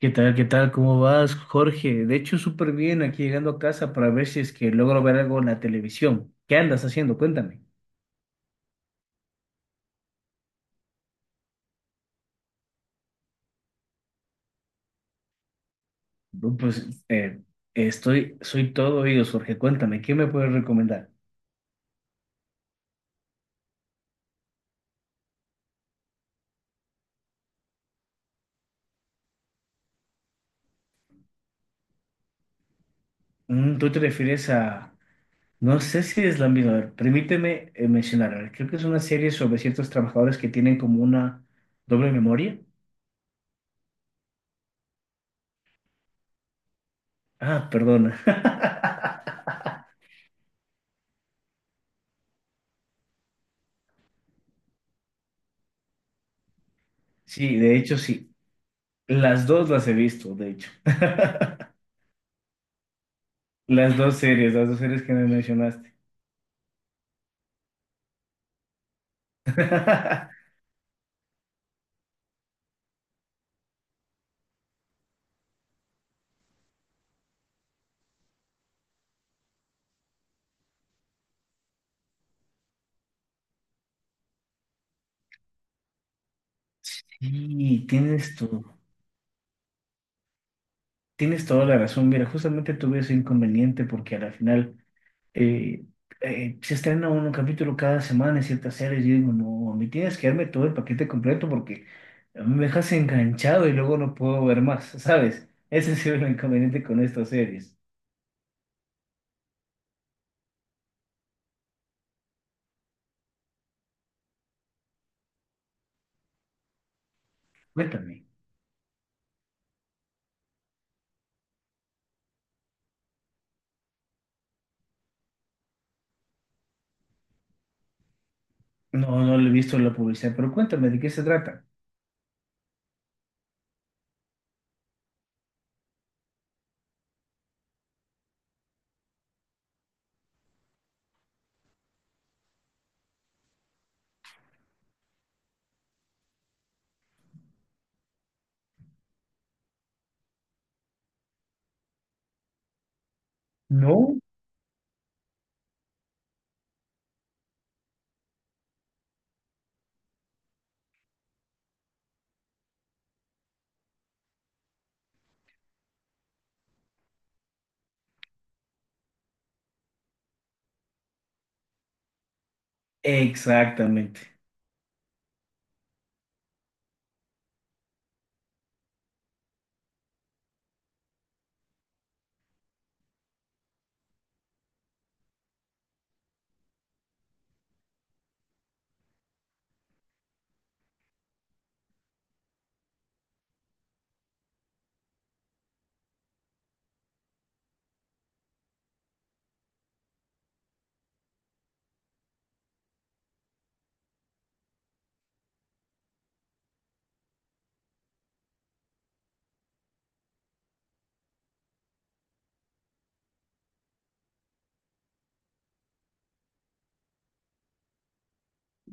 ¿Qué tal? ¿Qué tal? ¿Cómo vas, Jorge? De hecho, súper bien aquí llegando a casa para ver si es que logro ver algo en la televisión. ¿Qué andas haciendo? Cuéntame. No, pues soy todo oídos, Jorge. Cuéntame, ¿qué me puedes recomendar? Mm, ¿tú te refieres a... No sé si es la misma. A ver, permíteme mencionar. A ver, creo que es una serie sobre ciertos trabajadores que tienen como una doble memoria. Ah, perdona. Sí, de hecho, sí. Las dos las he visto, de hecho. Las dos series que me mencionaste. sí tienes tu, Tienes toda la razón. Mira, justamente tuve ese inconveniente porque a la final eh, se estrena un capítulo cada semana en ciertas series. Yo digo, no, a mí tienes que darme todo el paquete completo porque a mí me dejas enganchado y luego no puedo ver más, ¿sabes? Ese ha sido el inconveniente con estas series. Cuéntame. No, no le he visto la publicidad, pero cuéntame, ¿de qué se trata? No, exactamente.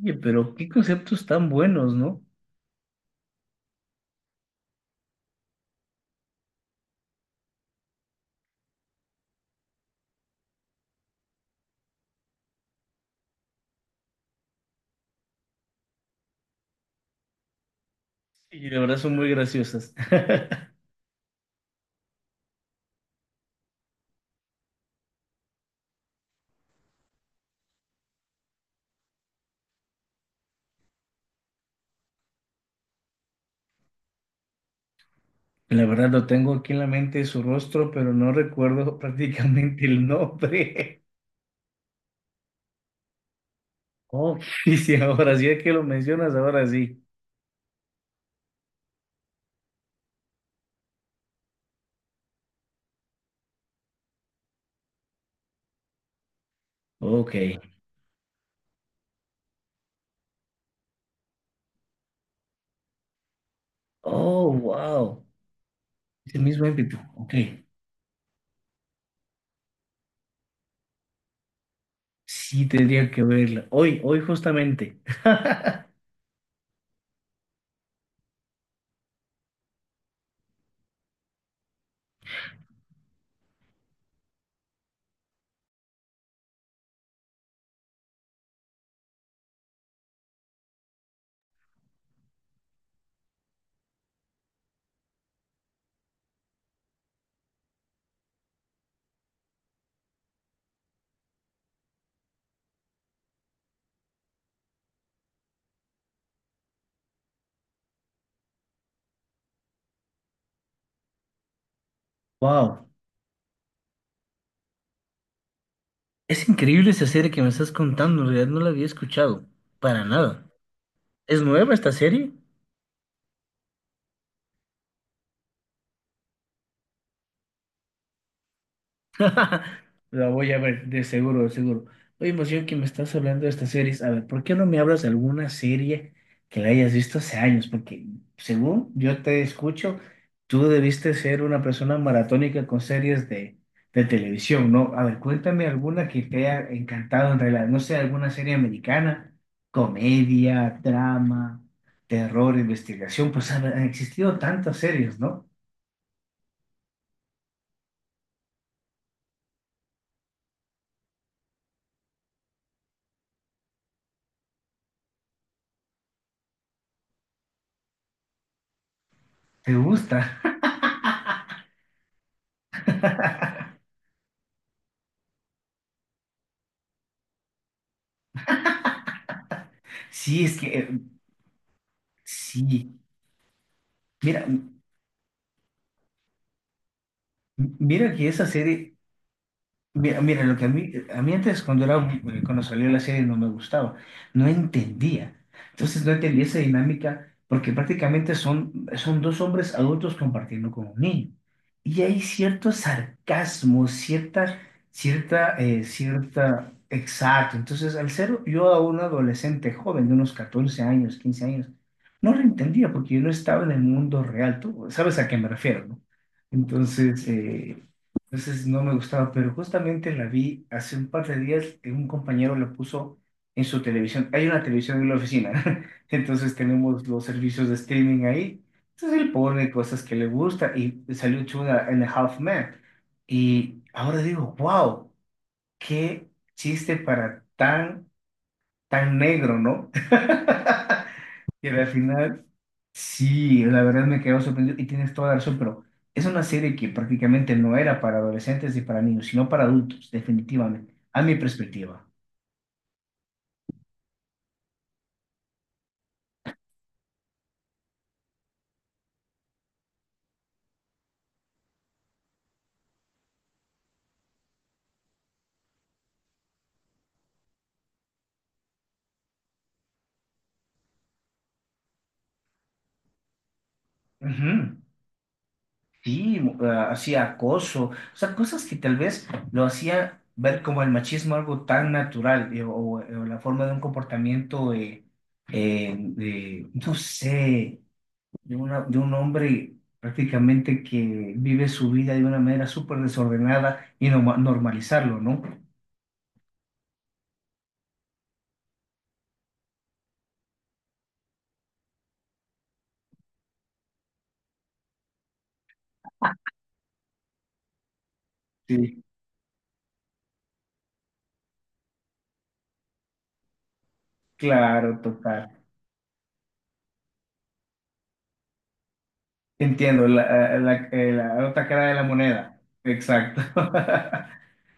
Oye, pero qué conceptos tan buenos, ¿no? Y la verdad son muy graciosas. La verdad lo tengo aquí en la mente su rostro, pero no recuerdo prácticamente el nombre. Oh, y si ahora sí es que lo mencionas, ahora sí. Ok. Oh, wow. Es el mismo ímpetu. Ok. Sí, tendría que verla. Hoy, hoy justamente. Wow. Es increíble esa serie que me estás contando. En realidad no la había escuchado. Para nada. ¿Es nueva esta serie? La voy a ver, de seguro, de seguro. Oye, pues yo que me estás hablando de estas series, a ver, ¿por qué no me hablas de alguna serie que la hayas visto hace años? Porque según yo te escucho, tú debiste ser una persona maratónica con series de televisión, ¿no? A ver, cuéntame alguna que te haya encantado en realidad, no sé, alguna serie americana, comedia, drama, terror, investigación, pues han existido tantas series, ¿no? ¿Te gusta? Sí, es que sí, mira, mira que esa serie, mira, mira, lo que a mí antes cuando era, cuando salió la serie no me gustaba, no entendía. Entonces no entendía esa dinámica porque prácticamente son, son dos hombres adultos compartiendo con un niño. Y hay cierto sarcasmo, cierta, cierta, cierta, exacto. Entonces al ser yo a un adolescente joven de unos 14 años, 15 años, no lo entendía porque yo no estaba en el mundo real, tú sabes a qué me refiero, ¿no? Entonces, entonces no me gustaba, pero justamente la vi hace un par de días, un compañero la puso en su televisión. Hay una televisión en la oficina, entonces tenemos los servicios de streaming ahí. Entonces él pone cosas que le gusta y salió Chuda en Half Man. Y ahora digo, wow, qué chiste para tan, tan negro, ¿no? Y al final sí, la verdad me quedo sorprendido y tienes toda la razón, pero es una serie que prácticamente no era para adolescentes ni para niños, sino para adultos, definitivamente, a mi perspectiva. Ujú. Sí, hacía acoso, o sea, cosas que tal vez lo hacía ver como el machismo algo tan natural o la forma de un comportamiento, de, no sé, de, de un hombre prácticamente que vive su vida de una manera súper desordenada y normalizarlo, ¿no? Sí, claro, total. Entiendo, la, la, la otra cara de la moneda. Exacto.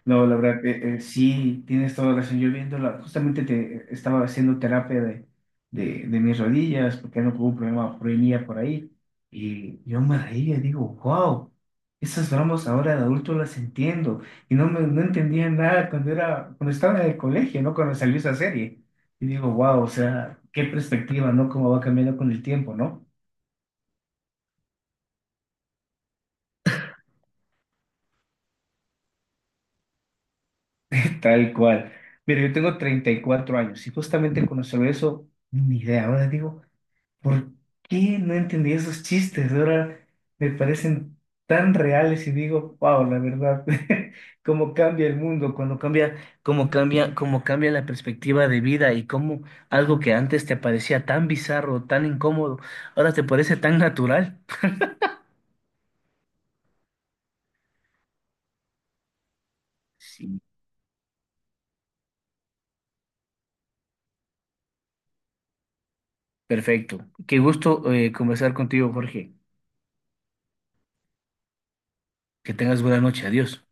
No, la verdad, sí, tienes toda la razón. Yo viendo, justamente te, estaba haciendo terapia de mis rodillas porque no tuvo un problema venía por ahí. Y yo me reía y digo, wow, esas bromas ahora de adulto las entiendo. Y no, no entendía nada cuando, era, cuando estaba en el colegio, ¿no? Cuando salió esa serie. Y digo, wow, o sea, qué perspectiva, ¿no? Cómo va cambiando con el tiempo, ¿no? Tal cual. Mira, yo tengo 34 años y justamente cuando se ve eso, ni idea. Ahora digo, ¿por qué no entendí esos chistes? Ahora me parecen tan reales y digo, wow, la verdad, cómo cambia el mundo, cuando cambia, cómo cambia, cómo cambia la perspectiva de vida y cómo algo que antes te parecía tan bizarro, tan incómodo, ahora te parece tan natural. Sí, perfecto. Qué gusto conversar contigo, Jorge. Que tengas buena noche. Adiós.